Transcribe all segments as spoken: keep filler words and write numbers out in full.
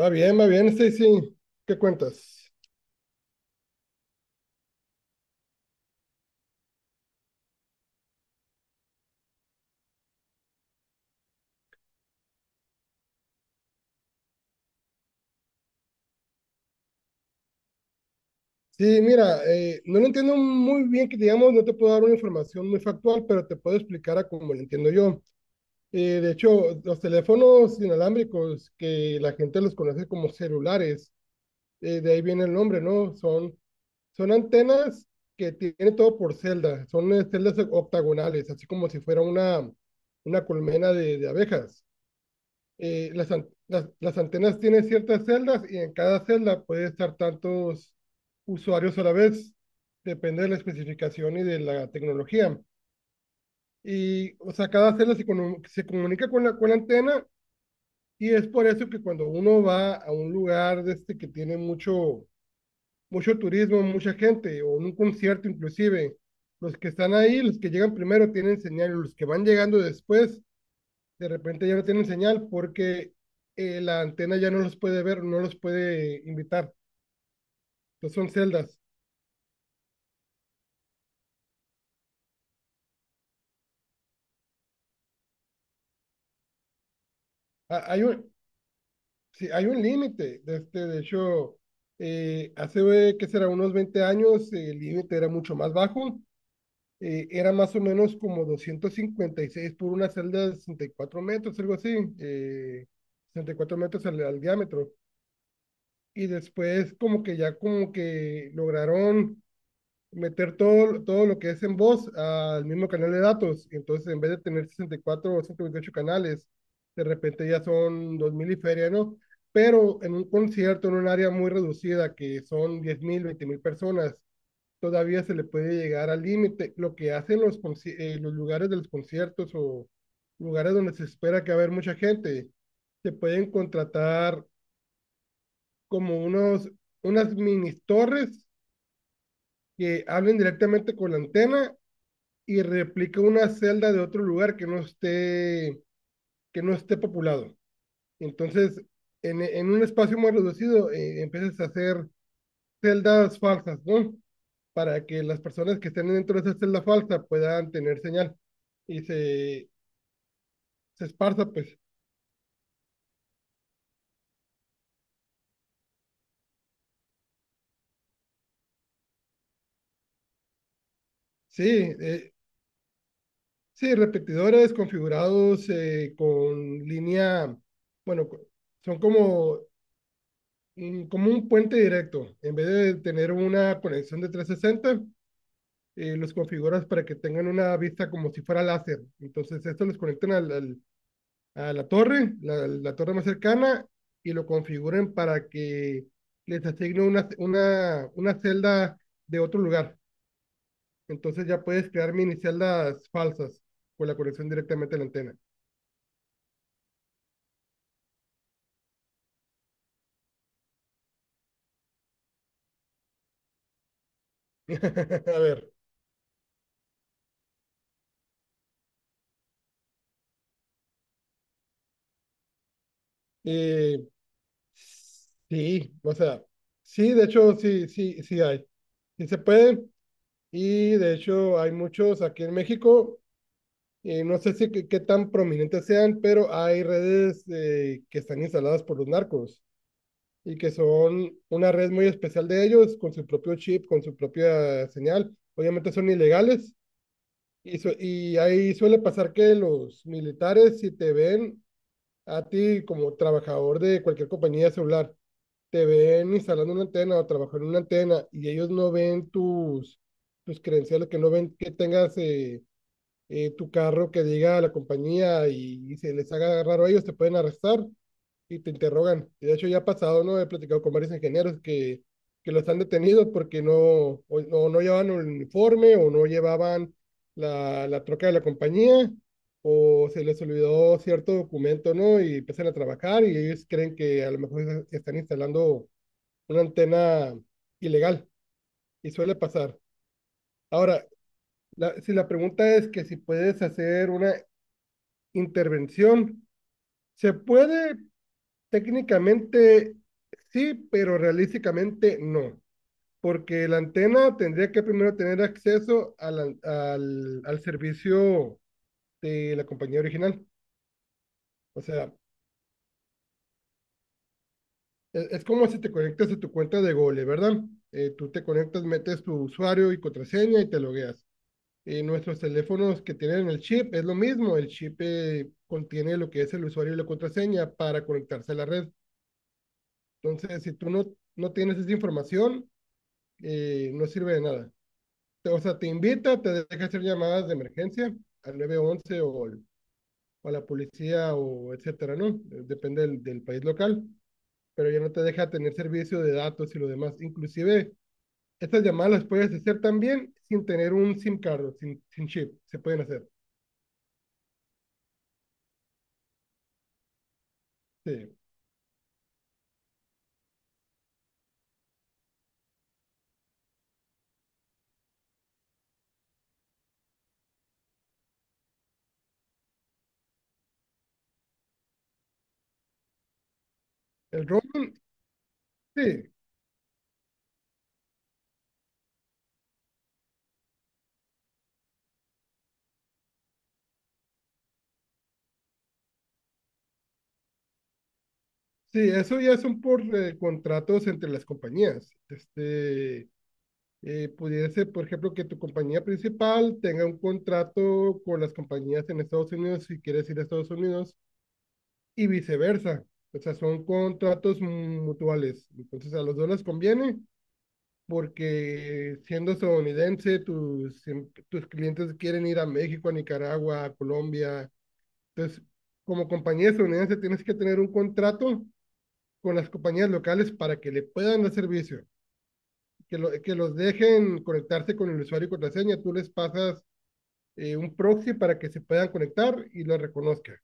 Va bien, va bien, sí. Sí. ¿Qué cuentas? Sí, mira, eh, no lo entiendo muy bien, que digamos, no te puedo dar una información muy factual, pero te puedo explicar a cómo lo entiendo yo. Eh, de hecho, los teléfonos inalámbricos, que la gente los conoce como celulares, eh, de ahí viene el nombre, ¿no? Son, son antenas que tienen todo por celda, son eh, celdas octagonales, así como si fuera una, una colmena de de abejas. eh, las, an- las, las antenas tienen ciertas celdas y en cada celda puede estar tantos usuarios a la vez. Depende de la especificación y de la tecnología. Y, o sea, cada celda se, comu- se comunica con la, con la antena, y es por eso que cuando uno va a un lugar de este que tiene mucho, mucho turismo, mucha gente, o en un concierto inclusive, los que están ahí, los que llegan primero tienen señal, los que van llegando después de repente ya no tienen señal porque eh, la antena ya no los puede ver, no los puede invitar. Entonces son celdas. Ha- hay un, sí, hay un límite. De, este, de hecho, eh, hace, eh, ¿qué será? Unos veinte años, eh, el límite era mucho más bajo. Eh, era más o menos como doscientos cincuenta y seis por una celda de sesenta y cuatro metros, algo así. Eh, sesenta y cuatro metros al, al diámetro. Y después como que ya como que lograron meter todo, todo lo que es en voz al mismo canal de datos. Entonces, en vez de tener sesenta y cuatro o ciento veintiocho canales, de repente ya son dos mil y feria, ¿no? Pero en un concierto, en un área muy reducida, que son diez mil veinte mil personas, todavía se le puede llegar al límite. Lo que hacen los, eh, los lugares de los conciertos o lugares donde se espera que va a haber mucha gente, se pueden contratar como unos, unas mini torres que hablen directamente con la antena y replica una celda de otro lugar que no esté, que no esté populado. Entonces, en, en un espacio más reducido, eh, empiezas a hacer celdas falsas, ¿no? Para que las personas que estén dentro de esa celda falsa puedan tener señal y se, se esparza, pues. Sí, eh, sí, repetidores configurados, eh, con línea, bueno, son como, mm, como un puente directo. En vez de tener una conexión de trescientos sesenta, eh, los configuras para que tengan una vista como si fuera láser. Entonces, esto los conectan al, al- a la torre, la, la torre más cercana, y lo configuren para que les asigne una, una, una celda de otro lugar. Entonces ya puedes crear mini celdas falsas con la conexión directamente a la antena. A ver, eh, sí, o sea, sí, de hecho, sí, sí, sí hay. Sí se puede. Y de hecho hay muchos aquí en México. Eh, no sé si qué, qué tan prominentes sean, pero hay redes, eh, que están instaladas por los narcos y que son una red muy especial de ellos, con su propio chip, con su propia señal. Obviamente son ilegales y, su- y ahí suele pasar que los militares, si te ven a ti como trabajador de cualquier compañía celular, te ven instalando una antena o trabajando en una antena y ellos no ven tus, tus credenciales, que no ven que tengas... eh, eh, tu carro que diga a la compañía, y, y se les haga raro a ellos, te pueden arrestar y te interrogan. Y de hecho ya ha pasado, ¿no? He platicado con varios ingenieros que, que los han detenido porque no, o- o no llevaban un uniforme o no llevaban la, la troca de la compañía o se les olvidó cierto documento, ¿no? Y empiezan a trabajar y ellos creen que a lo mejor es- están instalando una antena ilegal, y suele pasar. Ahora, la- si la pregunta es que si puedes hacer una intervención. Se puede técnicamente sí, pero realísticamente no, porque la antena tendría que primero tener acceso al al, al servicio de la compañía original. O sea, e- es, como si te conectas a tu cuenta de Google, ¿verdad? Eh, tú te conectas, metes tu usuario y contraseña y te logueas. Y nuestros teléfonos que tienen el chip es lo mismo, el chip, eh, contiene lo que es el usuario y la contraseña para conectarse a la red. Entonces, si tú no, no tienes esa información, eh, no sirve de nada. O sea, te invita, te deja hacer llamadas de emergencia al nueve once o, al- o a la policía o etcétera, ¿no? Eh, Depende del, del país local, pero ya no te deja tener servicio de datos y lo demás. Inclusive, estas llamadas las puedes hacer también sin tener un SIM card, sin, sin chip, se pueden hacer. Sí. El roaming, sí. Sí, eso ya son por, eh, contratos entre las compañías. Este, eh, pudiera ser, por ejemplo, que tu compañía principal tenga un contrato con las compañías en Estados Unidos si quieres ir a Estados Unidos y viceversa. O sea, son contratos mutuales. Entonces, a los dos les conviene porque siendo estadounidense, tus, tus clientes quieren ir a México, a Nicaragua, a Colombia. Entonces, como compañía estadounidense, tienes que tener un contrato con las compañías locales para que le puedan dar servicio. que, lo, que los dejen conectarse con el usuario y contraseña, tú les pasas, eh, un proxy para que se puedan conectar y lo reconozca.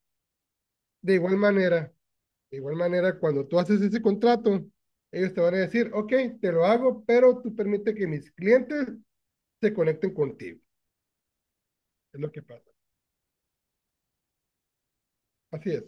De igual manera, de igual manera, cuando tú haces ese contrato, ellos te van a decir, ok, te lo hago, pero tú permite que mis clientes se conecten contigo. Es lo que pasa. Así es.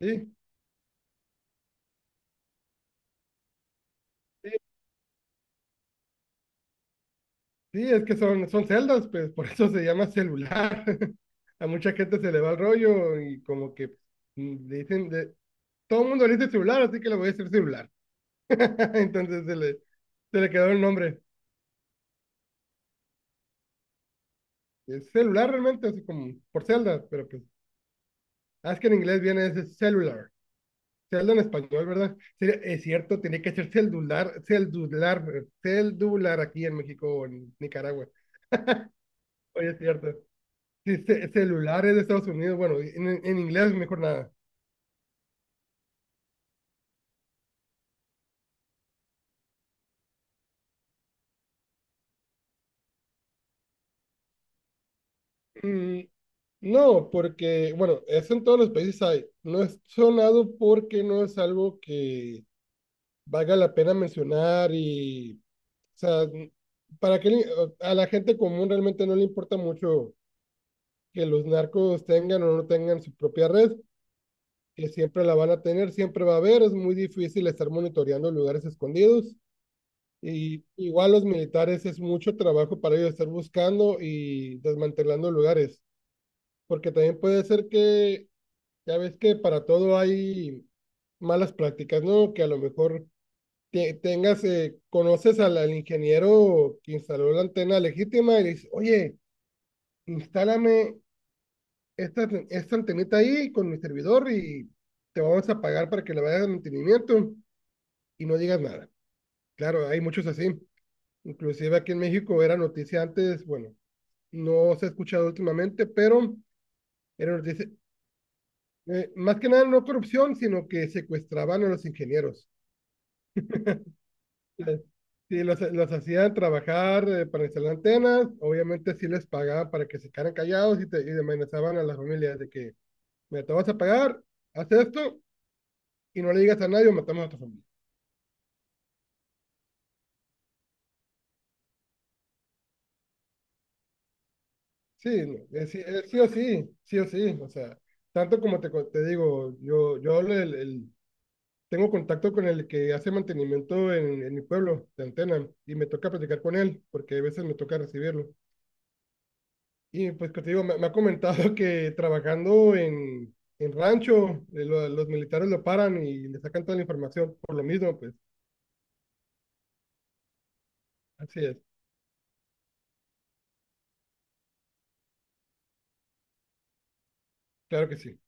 Sí, sí, sí es que son, son, celdas, pues por eso se llama celular. A mucha gente se le va el rollo y como que mm, le dicen, de, todo el mundo le dice celular, así que le voy a decir celular. Entonces se le, se le quedó el nombre. Es celular realmente, así como por celda, pero pues, ah, es que en inglés viene ese celular. Celda en español, ¿verdad? Sería- es cierto, tenía que ser celular, celular, eh, celular aquí en México o en Nicaragua. Oye, es cierto. Sí, ce- celular es de Estados Unidos, bueno, en, en inglés mejor nada. Mm, no, porque, bueno, eso en todos los países hay. No es sonado porque no es algo que valga la pena mencionar y sea, para que a la gente común realmente no le importa mucho que los narcos tengan o no tengan su propia red, que siempre la van a tener, siempre va a haber, es muy difícil estar monitoreando lugares escondidos. Y igual los militares es mucho trabajo para ellos estar buscando y desmantelando lugares, porque también puede ser que, ya ves que para todo hay malas prácticas, ¿no? Que a lo mejor te- tengas, eh, conoces al, al ingeniero que instaló la antena legítima y le dices, oye, instálame esta, ten- esta antenita ahí con mi servidor y te vamos a pagar para que le vayas al mantenimiento y no digas nada. Claro, hay muchos así. Inclusive aquí en México era noticia antes, bueno, no se ha escuchado últimamente, pero era noticia, eh, más que nada no corrupción, sino que secuestraban a los ingenieros. Eh, Sí, los, los hacían trabajar, eh, para instalar antenas, obviamente sí les pagaban para que se quedaran callados, y, te, y amenazaban a las familias de que, mira, te vas a pagar, haz esto y no le digas a nadie o matamos a tu familia. Sí, no, eh, sí, eh, sí o sí, sí o sí, o sea, tanto como te, co- te digo, yo, yo el- el- tengo contacto con el que hace mantenimiento en, en, mi pueblo de antena y me toca platicar con él porque a veces me toca recibirlo. Y pues que te digo, me, me ha comentado que trabajando en, en, rancho, eh, lo- los militares lo paran y le sacan toda la información por lo mismo, pues así es, claro que sí.